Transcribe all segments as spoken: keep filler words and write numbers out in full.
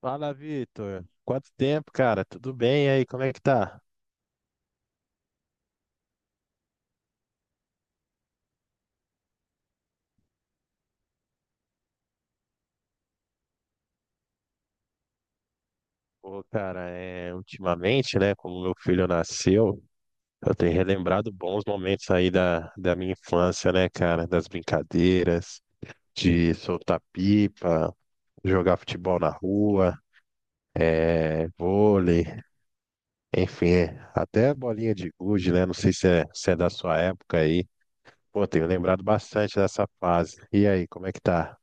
Fala, Vitor. Quanto tempo, cara? Tudo bem? E aí, como é que tá? Pô, cara, é, ultimamente, né, como meu filho nasceu, eu tenho relembrado bons momentos aí da, da minha infância, né, cara? Das brincadeiras, de soltar pipa, jogar futebol na rua, é, vôlei, enfim, é, até bolinha de gude, né? Não sei se é, se é da sua época aí. Pô, tenho lembrado bastante dessa fase. E aí, como é que tá?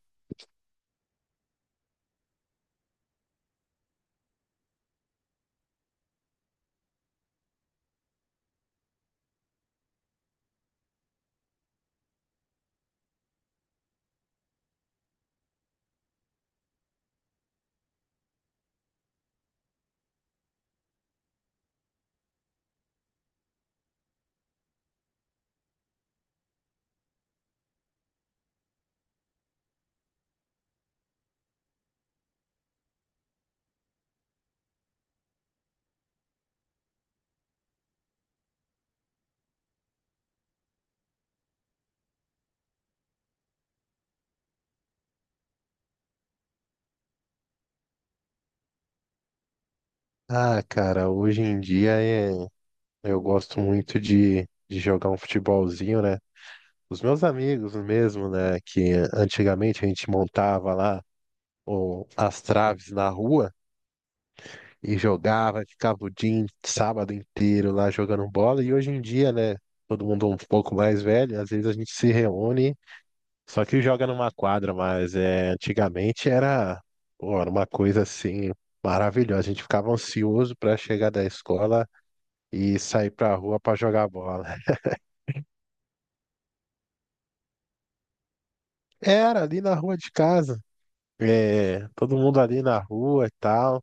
Ah, cara, hoje em dia é. Eu gosto muito de, de jogar um futebolzinho, né? Os meus amigos mesmo, né? Que antigamente a gente montava lá o, as traves na rua e jogava, ficava o dia, in- sábado inteiro lá jogando bola. E hoje em dia, né? Todo mundo um pouco mais velho, às vezes a gente se reúne, só que joga numa quadra, mas é, antigamente era, pô, era uma coisa assim maravilhosa. A gente ficava ansioso para chegar da escola e sair pra rua para jogar bola. Era ali na rua de casa. É, todo mundo ali na rua e tal.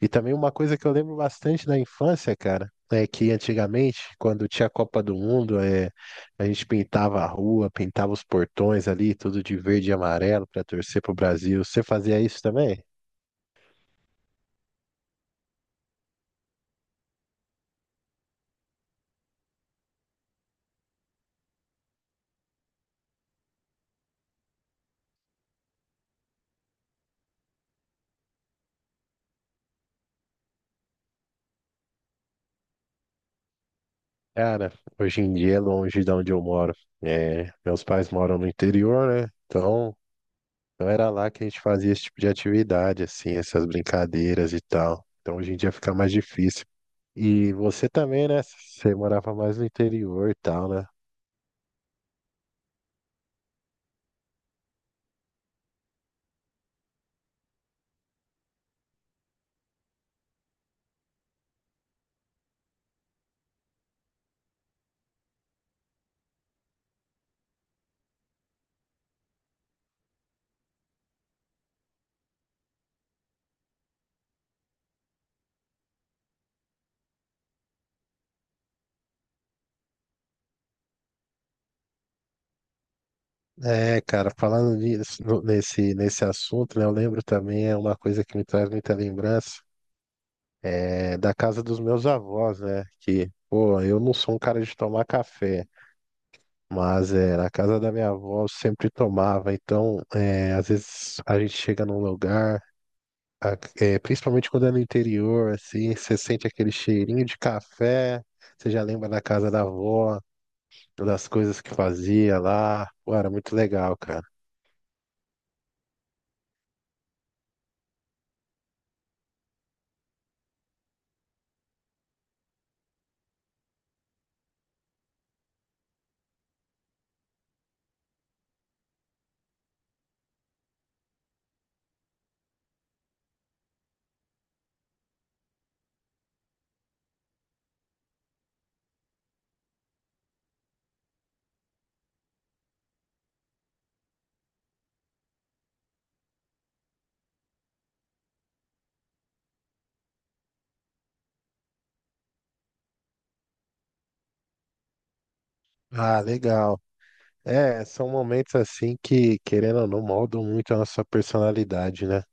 E também uma coisa que eu lembro bastante da infância, cara, é que antigamente, quando tinha a Copa do Mundo, é, a gente pintava a rua, pintava os portões ali, tudo de verde e amarelo pra torcer pro Brasil. Você fazia isso também? Cara, hoje em dia é longe de onde eu moro. É, meus pais moram no interior, né? Então, não era lá que a gente fazia esse tipo de atividade, assim, essas brincadeiras e tal. Então, hoje em dia fica mais difícil. E você também, né? Você morava mais no interior e tal, né? É, cara, falando nisso, no- nesse, nesse assunto, né, eu lembro também, é uma coisa que me traz muita lembrança, é da casa dos meus avós, né? Que, pô, eu não sou um cara de tomar café, mas é, na casa da minha avó eu sempre tomava. Então, é, às vezes a gente chega num lugar, a- é, principalmente quando é no interior, assim, você sente aquele cheirinho de café, você já lembra da casa da avó. Das coisas que fazia lá. Pô, era muito legal, cara. Ah, legal. É, são momentos assim que, querendo ou não, moldam muito a nossa personalidade, né?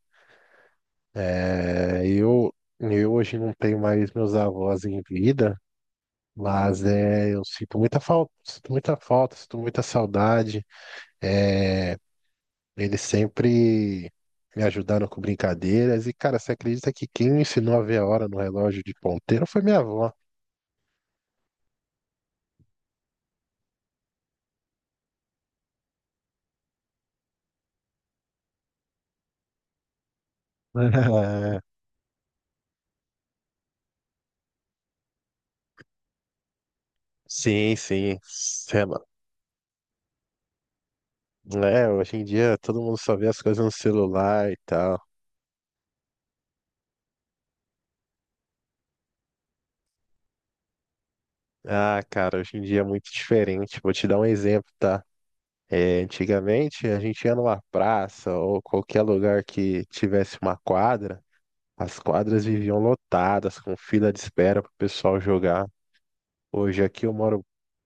É, eu, eu hoje não tenho mais meus avós em vida, mas é, eu sinto muita falta, sinto muita falta, sinto muita saudade. Eles sempre me ajudaram com brincadeiras. E, cara, você acredita que quem me ensinou a ver a hora no relógio de ponteiro foi minha avó? É, sim, sim. Sei lá. É, hoje em dia todo mundo só vê as coisas no celular e tal. Ah, cara, hoje em dia é muito diferente. Vou te dar um exemplo, tá? É, antigamente a gente ia numa praça ou qualquer lugar que tivesse uma quadra, as quadras viviam lotadas, com fila de espera pro pessoal jogar. Hoje aqui eu moro,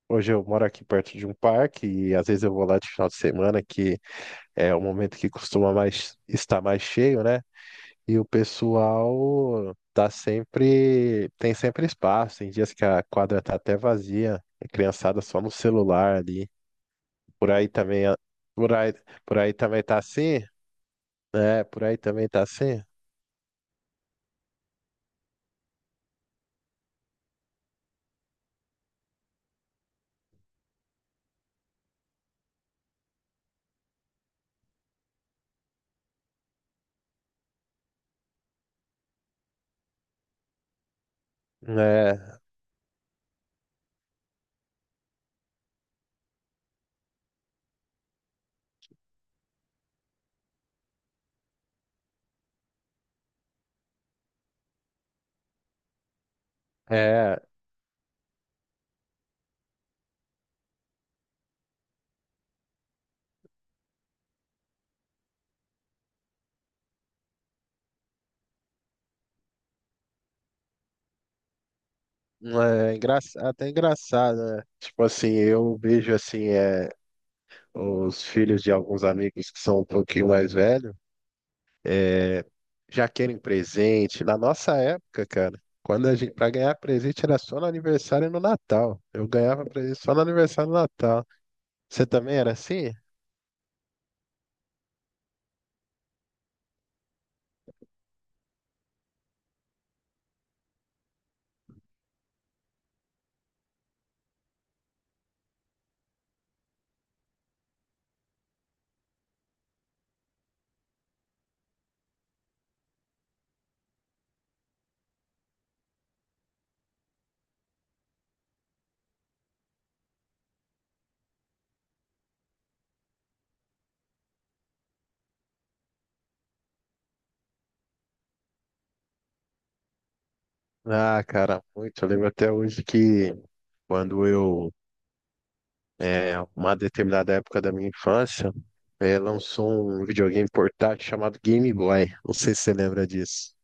hoje eu moro aqui perto de um parque e às vezes eu vou lá de final de semana, que é o momento que costuma mais estar mais cheio, né? E o pessoal tá sempre, tem sempre espaço. Tem dias que a quadra tá até vazia, a criançada só no celular ali. Por aí também, a- por aí, por aí também tá assim? É, por aí também tá assim? É, é, é engra- até engraçado, né? Tipo assim, eu vejo assim, é, os filhos de alguns amigos que são um pouquinho mais velhos. É, já querem presente. Na nossa época, cara, quando a gente, para ganhar presente era só no aniversário e no Natal. Eu ganhava presente só no aniversário e no Natal. Você também era assim? Ah, cara, muito. Eu lembro até hoje que quando eu, é, uma determinada época da minha infância, é, lançou um videogame portátil chamado Game Boy. Não sei se você lembra disso.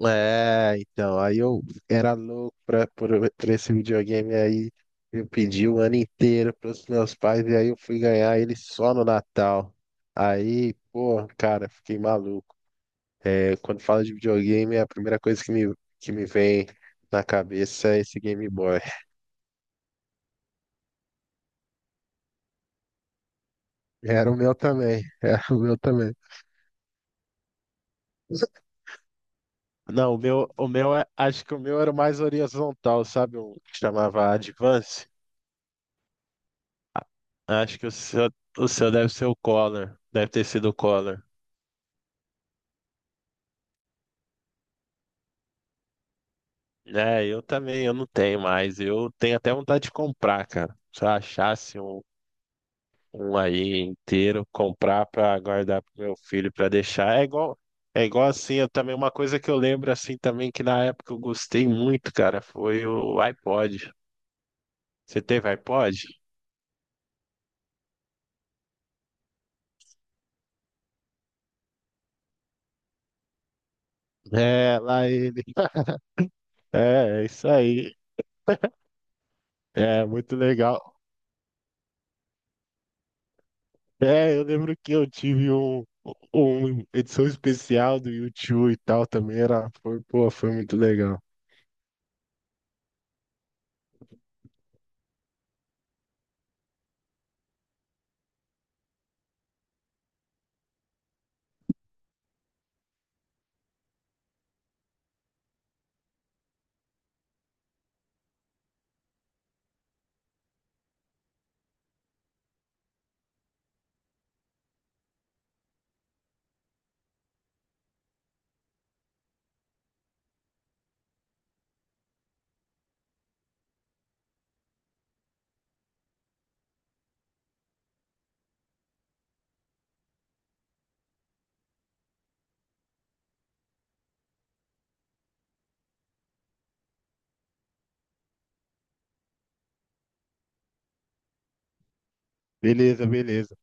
É, então, aí eu era louco pra, por, por esse videogame aí. Eu pedi o ano inteiro pros meus pais e aí eu fui ganhar ele só no Natal. Aí, pô, cara, fiquei maluco. É, quando falo de videogame, a primeira coisa que me, que me vem na cabeça é esse Game Boy. Era o meu também, era o meu também. Não, o meu, o meu, é- acho que o meu era o mais horizontal, sabe? Um que chamava Advance. Acho que o seu, o seu deve ser o Collor. Deve ter sido o Collor. É, eu também, eu não tenho mais. Eu tenho até vontade de comprar, cara. Se eu achasse um, um aí inteiro, comprar pra guardar pro meu filho, pra deixar. É igual, é igual assim, eu também, uma coisa que eu lembro assim também, que na época eu gostei muito, cara, foi o iPod. Você teve iPod? É, lá ele. É, é isso aí. É, muito legal. É, eu lembro que eu tive um, um edição especial do YouTube e tal também, era, foi, pô, foi muito legal. Beleza, beleza.